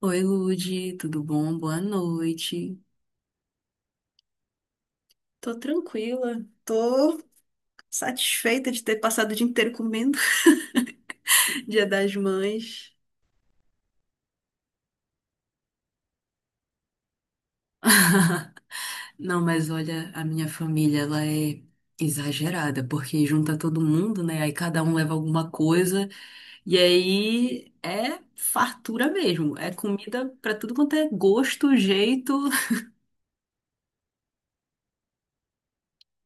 Oi, Lude, tudo bom? Boa noite. Tô satisfeita de ter passado o dia inteiro comendo. Dia das Mães. Não, mas olha, a minha família, ela é exagerada, porque junta todo mundo, né? Aí cada um leva alguma coisa, e aí é fartura mesmo, é comida pra tudo quanto é gosto, jeito.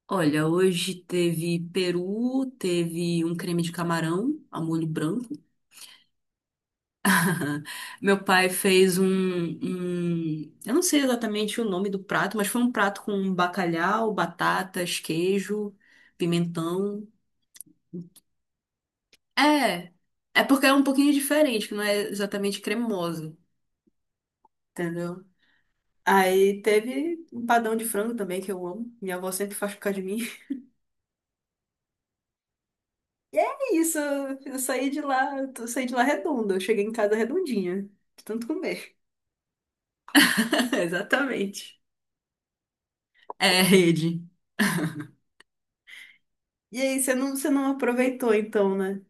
Olha, hoje teve peru, teve um creme de camarão a molho branco. Meu pai fez eu não sei exatamente o nome do prato, mas foi um prato com bacalhau, batatas, queijo, pimentão. É, é porque é um pouquinho diferente, que não é exatamente cremoso, entendeu? Aí teve um padrão de frango também, que eu amo. Minha avó sempre faz por causa de mim. É isso, eu saí de lá, eu saí de lá redonda. Eu cheguei em casa redondinha, de tanto comer. Exatamente. É, rede. E aí, você não aproveitou então, né?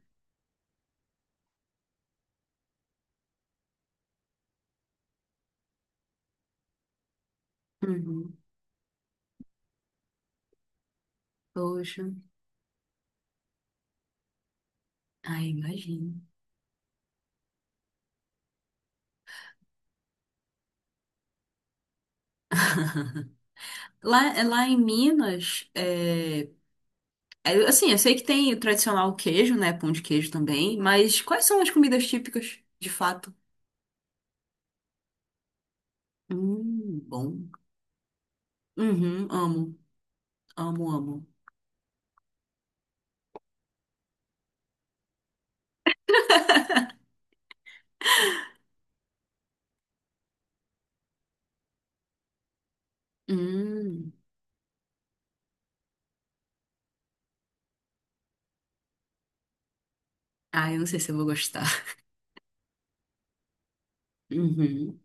Uhum. Poxa, ai, imagino. Lá, lá em Minas, é, é, assim, eu sei que tem o tradicional queijo, né? Pão de queijo também, mas quais são as comidas típicas, de fato? Bom. Uhum, amo, amo, amo. Hum, ai, eu não sei se eu vou gostar. Uhum,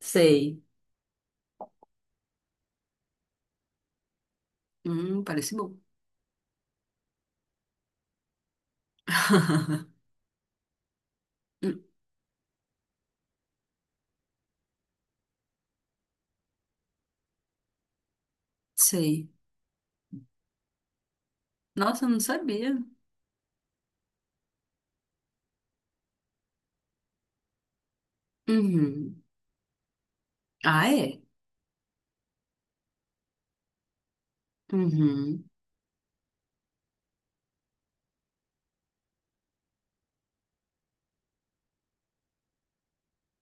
sei. Parece bom. Hum, sei. Nossa, eu não sabia. Uhum. Ah, é? Uhum.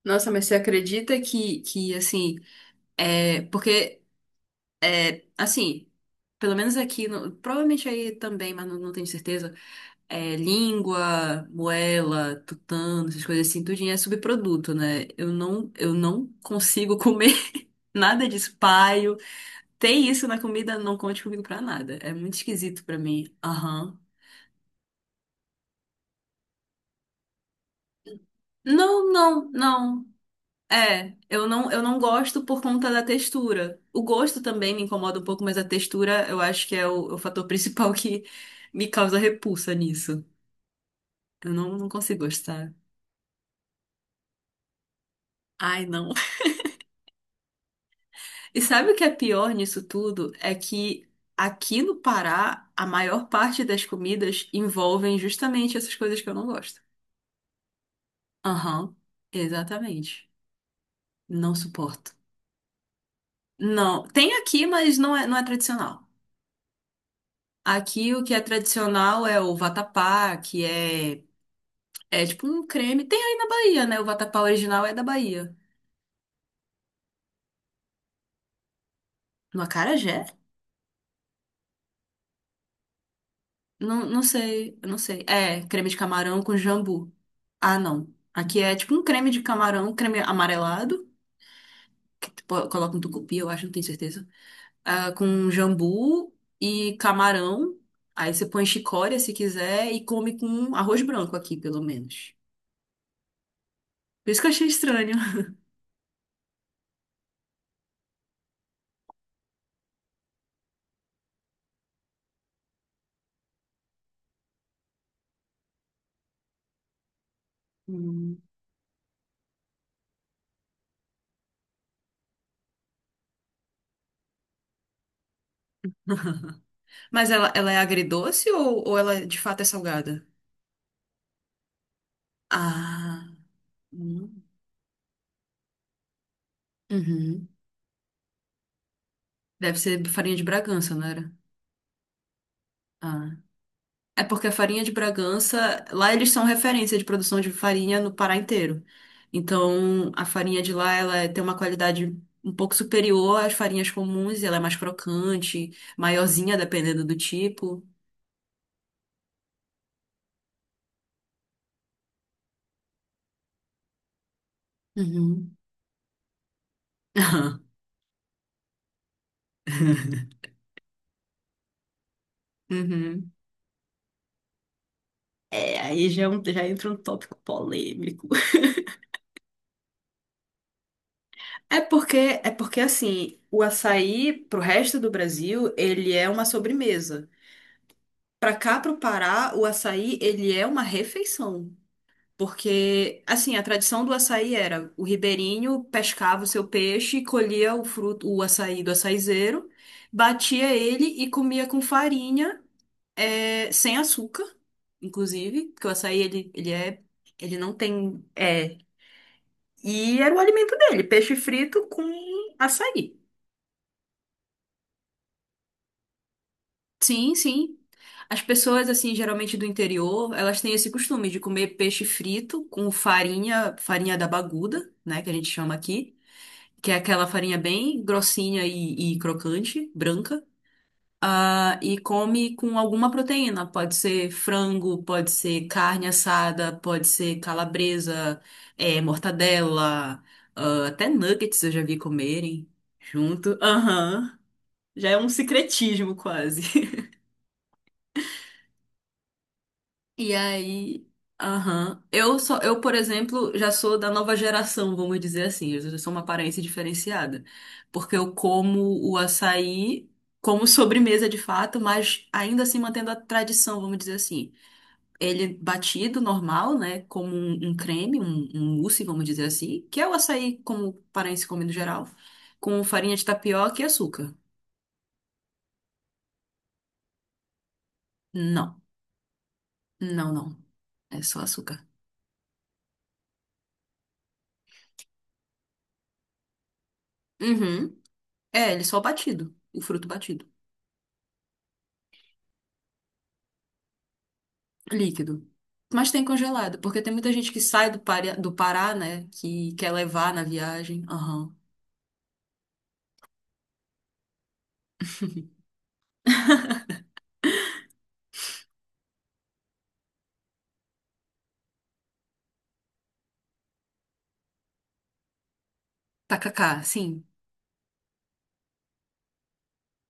Nossa, mas você acredita que assim, é, porque, é, assim, pelo menos aqui, no- provavelmente aí também, mas não, não tenho certeza, é, língua, moela, tutano, essas coisas assim, tudinho é subproduto, né? Eu não consigo comer nada disso, paio. Tem isso na comida, não conte comigo pra nada. É muito esquisito pra mim. Aham. Não, não, não. É, eu não gosto por conta da textura. O gosto também me incomoda um pouco, mas a textura eu acho que é o fator principal que me causa repulsa nisso. Eu não, não consigo gostar. Ai, não. E sabe o que é pior nisso tudo? É que aqui no Pará, a maior parte das comidas envolvem justamente essas coisas que eu não gosto. Aham, exatamente. Não suporto. Não, tem aqui, mas não é tradicional. Aqui o que é tradicional é o vatapá, que é, é tipo um creme. Tem aí na Bahia, né? O vatapá original é da Bahia. No acarajé? Não, não sei, eu não sei. É, creme de camarão com jambu. Ah, não. Aqui é tipo um creme de camarão, creme amarelado, que tu po- coloca um tucupi, eu acho, não tenho certeza. Ah, com jambu e camarão. Aí você põe chicória se quiser e come com arroz branco aqui, pelo menos. Por isso que eu achei estranho. Mas ela é agridoce ou ela é, de fato é salgada? Ah. Hum. Uhum. Deve ser farinha de Bragança, não era? Ah. É porque a farinha de Bragança, lá eles são referência de produção de farinha no Pará inteiro. Então, a farinha de lá, ela é, tem uma qualidade um pouco superior às farinhas comuns, ela é mais crocante, maiorzinha, dependendo do tipo. Uhum. Uhum. É, aí já, é um- já entra um tópico polêmico. É porque, é porque assim, o açaí pro resto do Brasil, ele é uma sobremesa. Pra cá, pro Pará, o açaí, ele é uma refeição. Porque, assim, a tradição do açaí era o ribeirinho pescava o seu peixe, colhia o fruto, o açaí do açaizeiro, batia ele e comia com farinha, é, sem açúcar, inclusive, porque o açaí, ele é, ele não tem, é, e era o alimento dele, peixe frito com açaí. Sim, sim. As pessoas, assim, geralmente do interior, elas têm esse costume de comer peixe frito com farinha, farinha da baguda, né, que a gente chama aqui, que é aquela farinha bem grossinha e crocante, branca, ah, e come com alguma proteína. Pode ser frango, pode ser carne assada, pode ser calabresa, eh, mortadela, ah, até nuggets eu já vi comerem junto. Aham. Já é um secretismo quase. E aí, aham. Eu só, eu, por exemplo, já sou da nova geração, vamos dizer assim. Eu já sou uma aparência diferenciada, porque eu como o açaí como sobremesa de fato, mas ainda assim mantendo a tradição, vamos dizer assim. Ele batido normal, né, como um creme, um mousse, vamos dizer assim, que é o açaí como paraense come no geral, com farinha de tapioca e açúcar. Não, não, não. É só açúcar. Uhum. É, ele só batido, o fruto batido. Líquido. Mas tem congelado, porque tem muita gente que sai do, Pari- do Pará, né? Que quer levar na viagem. Aham. Tacacá, sim.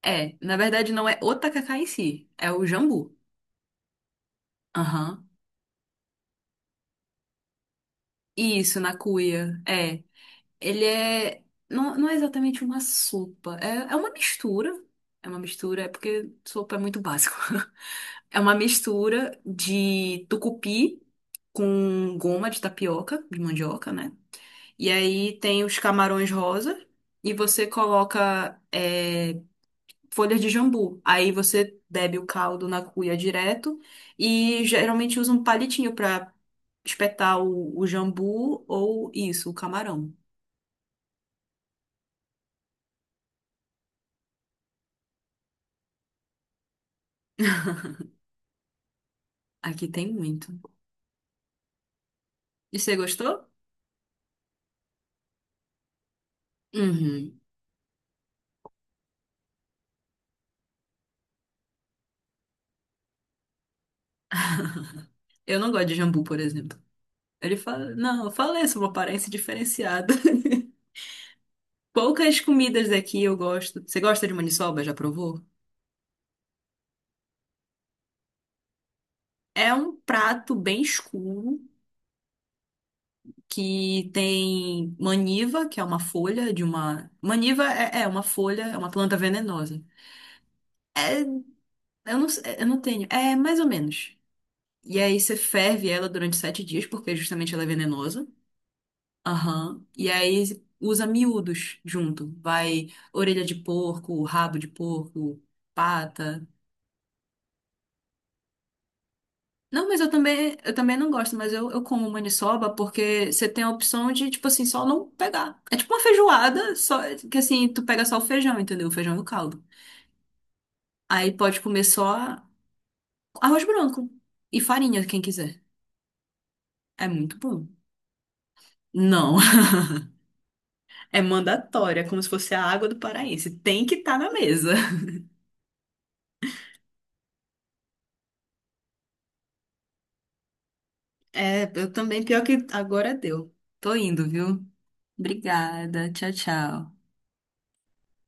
É, na verdade não é o tacacá em si, é o jambu. Aham. Isso, na cuia. É. Ele é. Não, não é exatamente uma sopa, é, é uma mistura. É uma mistura, é porque sopa é muito básico. É uma mistura de tucupi com goma de tapioca, de mandioca, né? E aí tem os camarões rosa e você coloca é, folhas de jambu. Aí você bebe o caldo na cuia direto e geralmente usa um palitinho para espetar o jambu ou isso, o camarão. Aqui tem muito. E você gostou? Uhum. Eu não gosto de jambu, por exemplo. Ele fala, não, eu falei sobre uma aparência diferenciada. Poucas comidas daqui eu gosto. Você gosta de maniçoba? Já provou? É um prato bem escuro que tem maniva, que é uma folha de uma. Maniva é, é uma folha, é uma planta venenosa. É, eu não tenho. É mais ou menos. E aí você ferve ela durante 7 dias, porque justamente ela é venenosa. Aham. E aí usa miúdos junto. Vai orelha de porco, rabo de porco, pata. Não, mas eu também não gosto, mas eu como maniçoba porque você tem a opção de, tipo assim, só não pegar. É tipo uma feijoada, só que assim, tu pega só o feijão, entendeu? O feijão e o caldo. Aí pode comer só arroz branco e farinha, quem quiser. É muito bom. Não, é mandatório, é como se fosse a água do paraense. Tem que estar na mesa. É, eu também, pior que agora deu. Tô indo, viu? Obrigada. Tchau, tchau.